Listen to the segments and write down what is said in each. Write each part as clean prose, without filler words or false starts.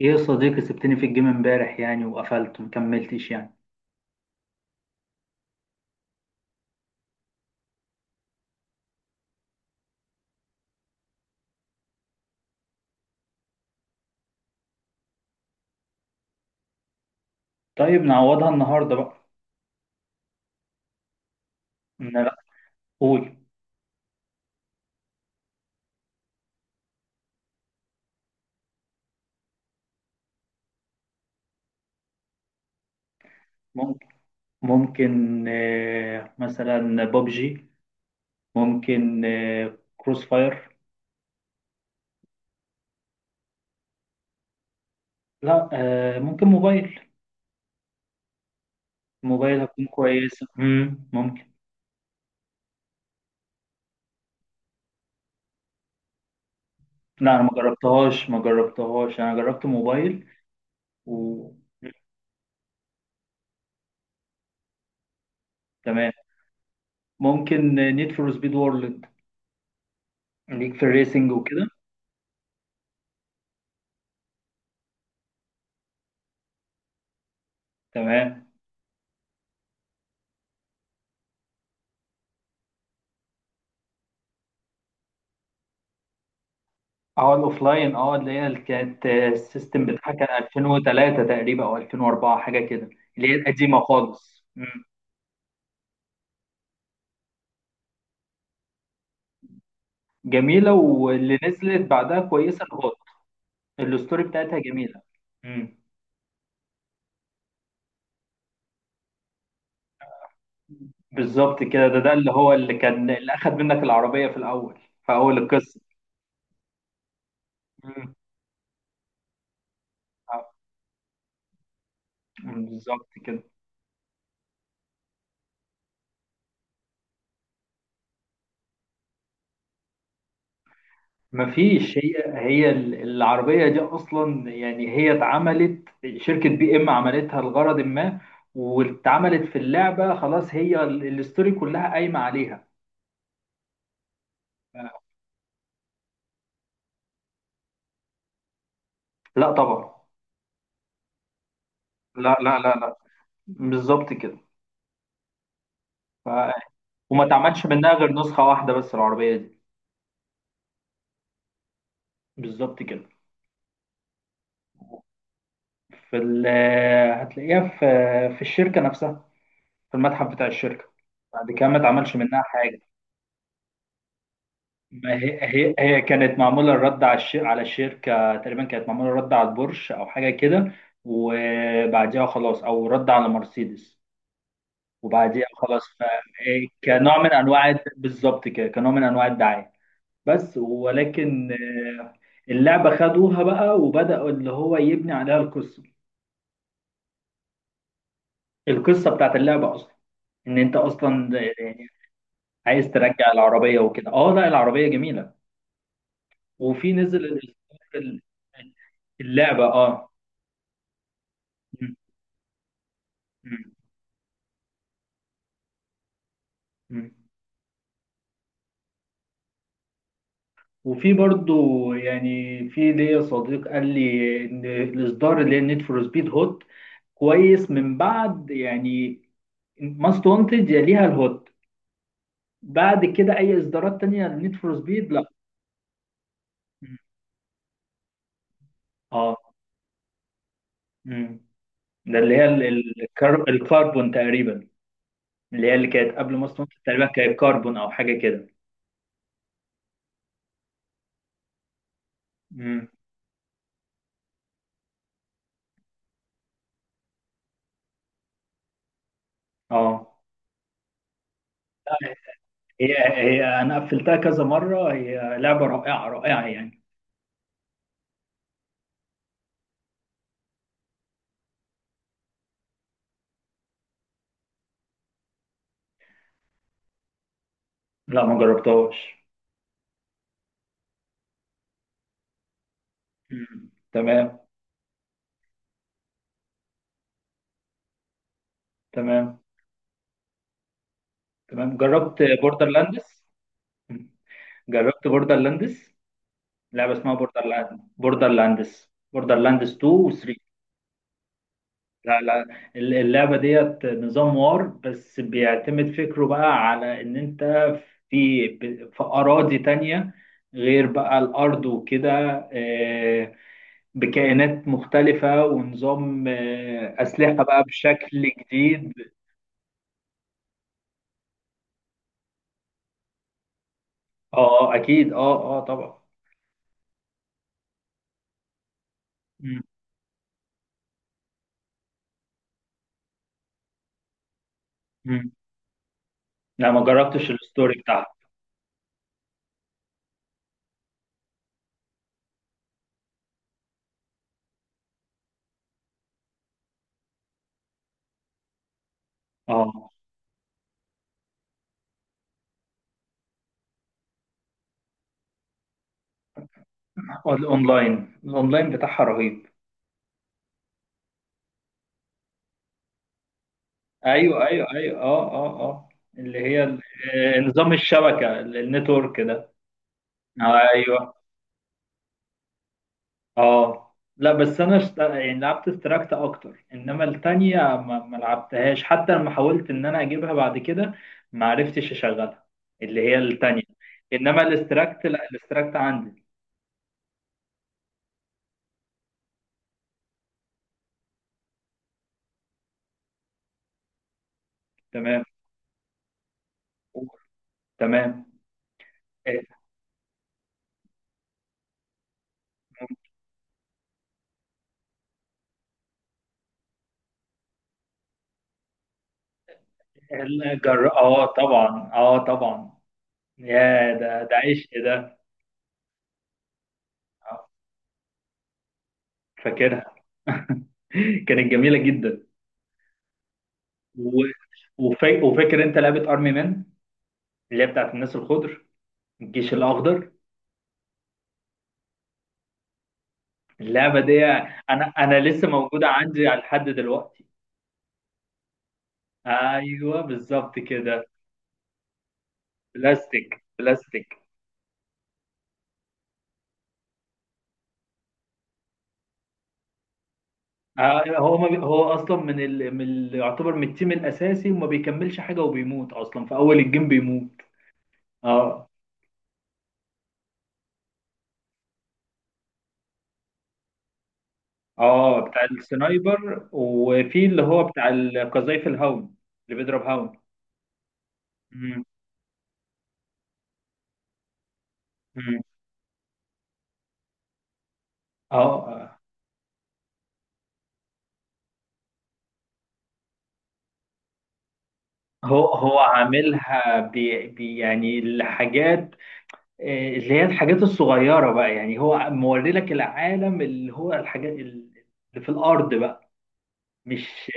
ايه يا صديقي، سبتني في الجيم امبارح يعني وقفلت مكملتش يعني. طيب نعوضها النهارده بقى. إن لا. قول. ممكن. ممكن مثلا بابجي. ممكن كروس فاير. لا، ممكن موبايل. موبايل هتكون كويسة، ممكن. لا، انا ما جربتهاش، انا جربت موبايل. و تمام. ممكن نيد فور سبيد وورلد، ليك في الريسنج وكده. تمام. اه الاوفلاين، اه اللي هي كانت السيستم بتاعها كان 2003 تقريبا، او 2004 حاجه كده. اللي هي القديمه خالص. مم. جميله، واللي نزلت بعدها كويسه الهوت. الستوري بتاعتها جميله. مم. بالظبط كده، ده اللي هو اللي كان اللي اخد منك العربيه في الاول، في اول القصه. مم. آه. مم، بالظبط كده. مفيش. هي العربية دي أصلا يعني هي اتعملت، شركة بي إم عملتها لغرض ما، واتعملت في اللعبة. خلاص، هي الاستوري كلها قايمة عليها. لا طبعا. لا، لا، لا، لا. بالظبط كده. ف... وما اتعملش منها غير نسخة واحدة بس، العربية دي. بالظبط كده. في ال... هتلاقيها في في الشركة نفسها، في المتحف بتاع الشركة. بعد كده ما اتعملش منها حاجة. ما هي كانت معموله الرد على الشركه. تقريبا كانت معموله الرد على البورش او حاجه كده، وبعديها خلاص، او رد على مرسيدس، وبعديها خلاص. إيه، كنوع من انواع بالظبط كده، كنوع من انواع الدعايه. بس ولكن. آه. اللعبه خدوها بقى وبداوا اللي هو يبني عليها القصه، القصه بتاعت اللعبه اصلا، ان انت اصلا يعني عايز ترجع العربيه وكده. اه لا، العربيه جميله. وفي نزل ال- ال- اللعبه اه. مم. مم. مم. وفي برضو يعني في ليا صديق قال لي ان الاصدار اللي هي نيد فور سبيد هوت كويس من بعد يعني ماست وانتد، يليها الهوت. بعد كده اي اصدارات تانية نيد فور سبيد لا. مم. اه. مم. ده اللي هي الكاربون تقريبا. اللي هي اللي كانت قبل ماست وانتد، تقريبا كانت كاربون او حاجه كده. مم. اه هي انا قفلتها كذا مره، هي لعبه رائعه رائعه يعني. لا، ما جربتهاش. مم. تمام. تمام. تمام، جربت بوردر لاندس. جربت بوردر لاندس، لعبه اسمها بوردر لاند. بوردر لاندس 2 و 3. لا لا. اللعبه ديت نظام وار، بس بيعتمد فكره بقى على ان انت في اراضي تانية غير بقى الارض وكده، آه، بكائنات مختلفه، ونظام اسلحه بقى بشكل جديد. اه اكيد، اه اه طبعا. مم. لا، ما جربتش الستوري بتاعها. اه، الاونلاين بتاعها رهيب. ايوه ايوه ايوه، اه اه اه. اللي هي نظام الشبكه، النتورك ده. ايوه، اه. لا بس انا يعني لعبت استراكت اكتر، انما التانية ما لعبتهاش. حتى لما حاولت ان انا اجيبها بعد كده ما عرفتش اشغلها، اللي هي التانية. انما الاستراكت لا، الاستراكت عندي. تمام. تمام. آه، اه طبعا، اه طبعا. يا، ده عيش ده. آه، فاكرها. كانت جميلة جدا. و... وفاكر انت لعبة ارمي مان، اللي هي بتاعت الناس الخضر، الجيش الاخضر، اللعبة دي. انا لسه موجودة عندي على لحد دلوقتي. ايوه بالظبط كده. بلاستيك بلاستيك. آه، هو ما بي... هو اصلا من يعتبر من التيم الاساسي، وما بيكملش حاجة، وبيموت اصلا في اول الجيم بيموت. اه اه، بتاع السنايبر، وفي اللي هو بتاع قذايف الهاون، اللي بيضرب هاون. مم. مم. اه هو عاملها بي بي يعني الحاجات، اللي هي الحاجات الصغيرة بقى يعني، هو موري لك العالم اللي هو الحاجات اللي في الأرض بقى. مش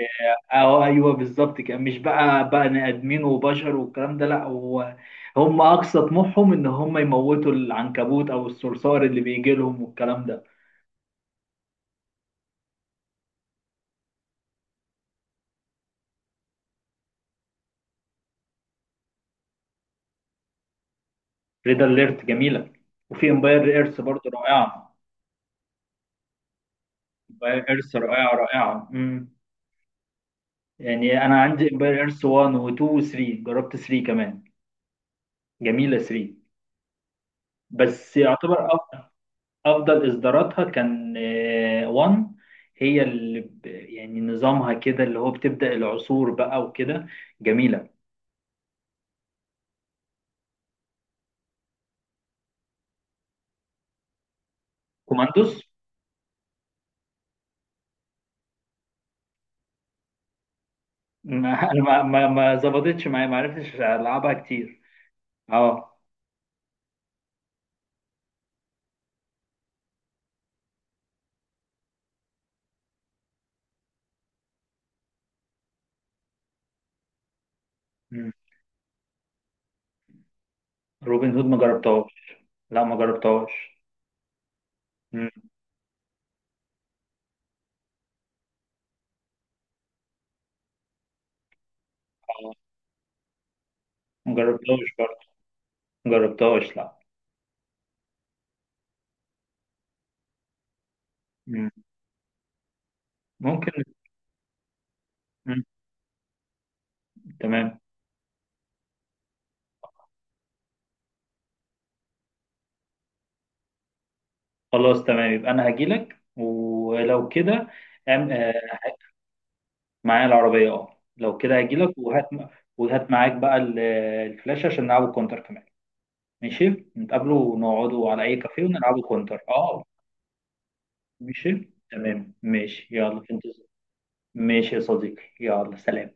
اه، ايوه بالظبط كده. مش بقى بني آدمين وبشر والكلام ده لا، هو هم أقصى طموحهم إن هم يموتوا العنكبوت أو الصرصار اللي بيجي لهم والكلام ده. ريد اليرت جميله، وفي امباير ايرث برضه رائعه. امباير ايرث رائعه رائعه. يعني انا عندي امباير ايرث 1 و2 و3، جربت 3 كمان. جميله 3، بس يعتبر افضل اصداراتها كان 1. هي اللي يعني نظامها كده، اللي هو بتبدا العصور بقى وكده. جميله. كوماندوس. ما انا ما ظبطتش معايا، ما عرفتش العبها كتير. اه. مم. روبن هود ما جربتهاش. لا، ما جربتهاش. مم. مجربتهاش برضه. مجربتهاش لا. مم. ممكن. مم. تمام. خلاص تمام، يبقى انا هجيلك ولو كده. أم... آه، معايا العربية اه، لو كده هجيلك. وهات، وهات معاك بقى الفلاشة، عشان نلعبوا كونتر كمان. ماشي، نتقابلوا ونقعدوا على أي كافيه ونلعبوا كونتر اه. ماشي تمام، ماشي يلا في انتظار. ماشي يا صديقي، يلا سلام.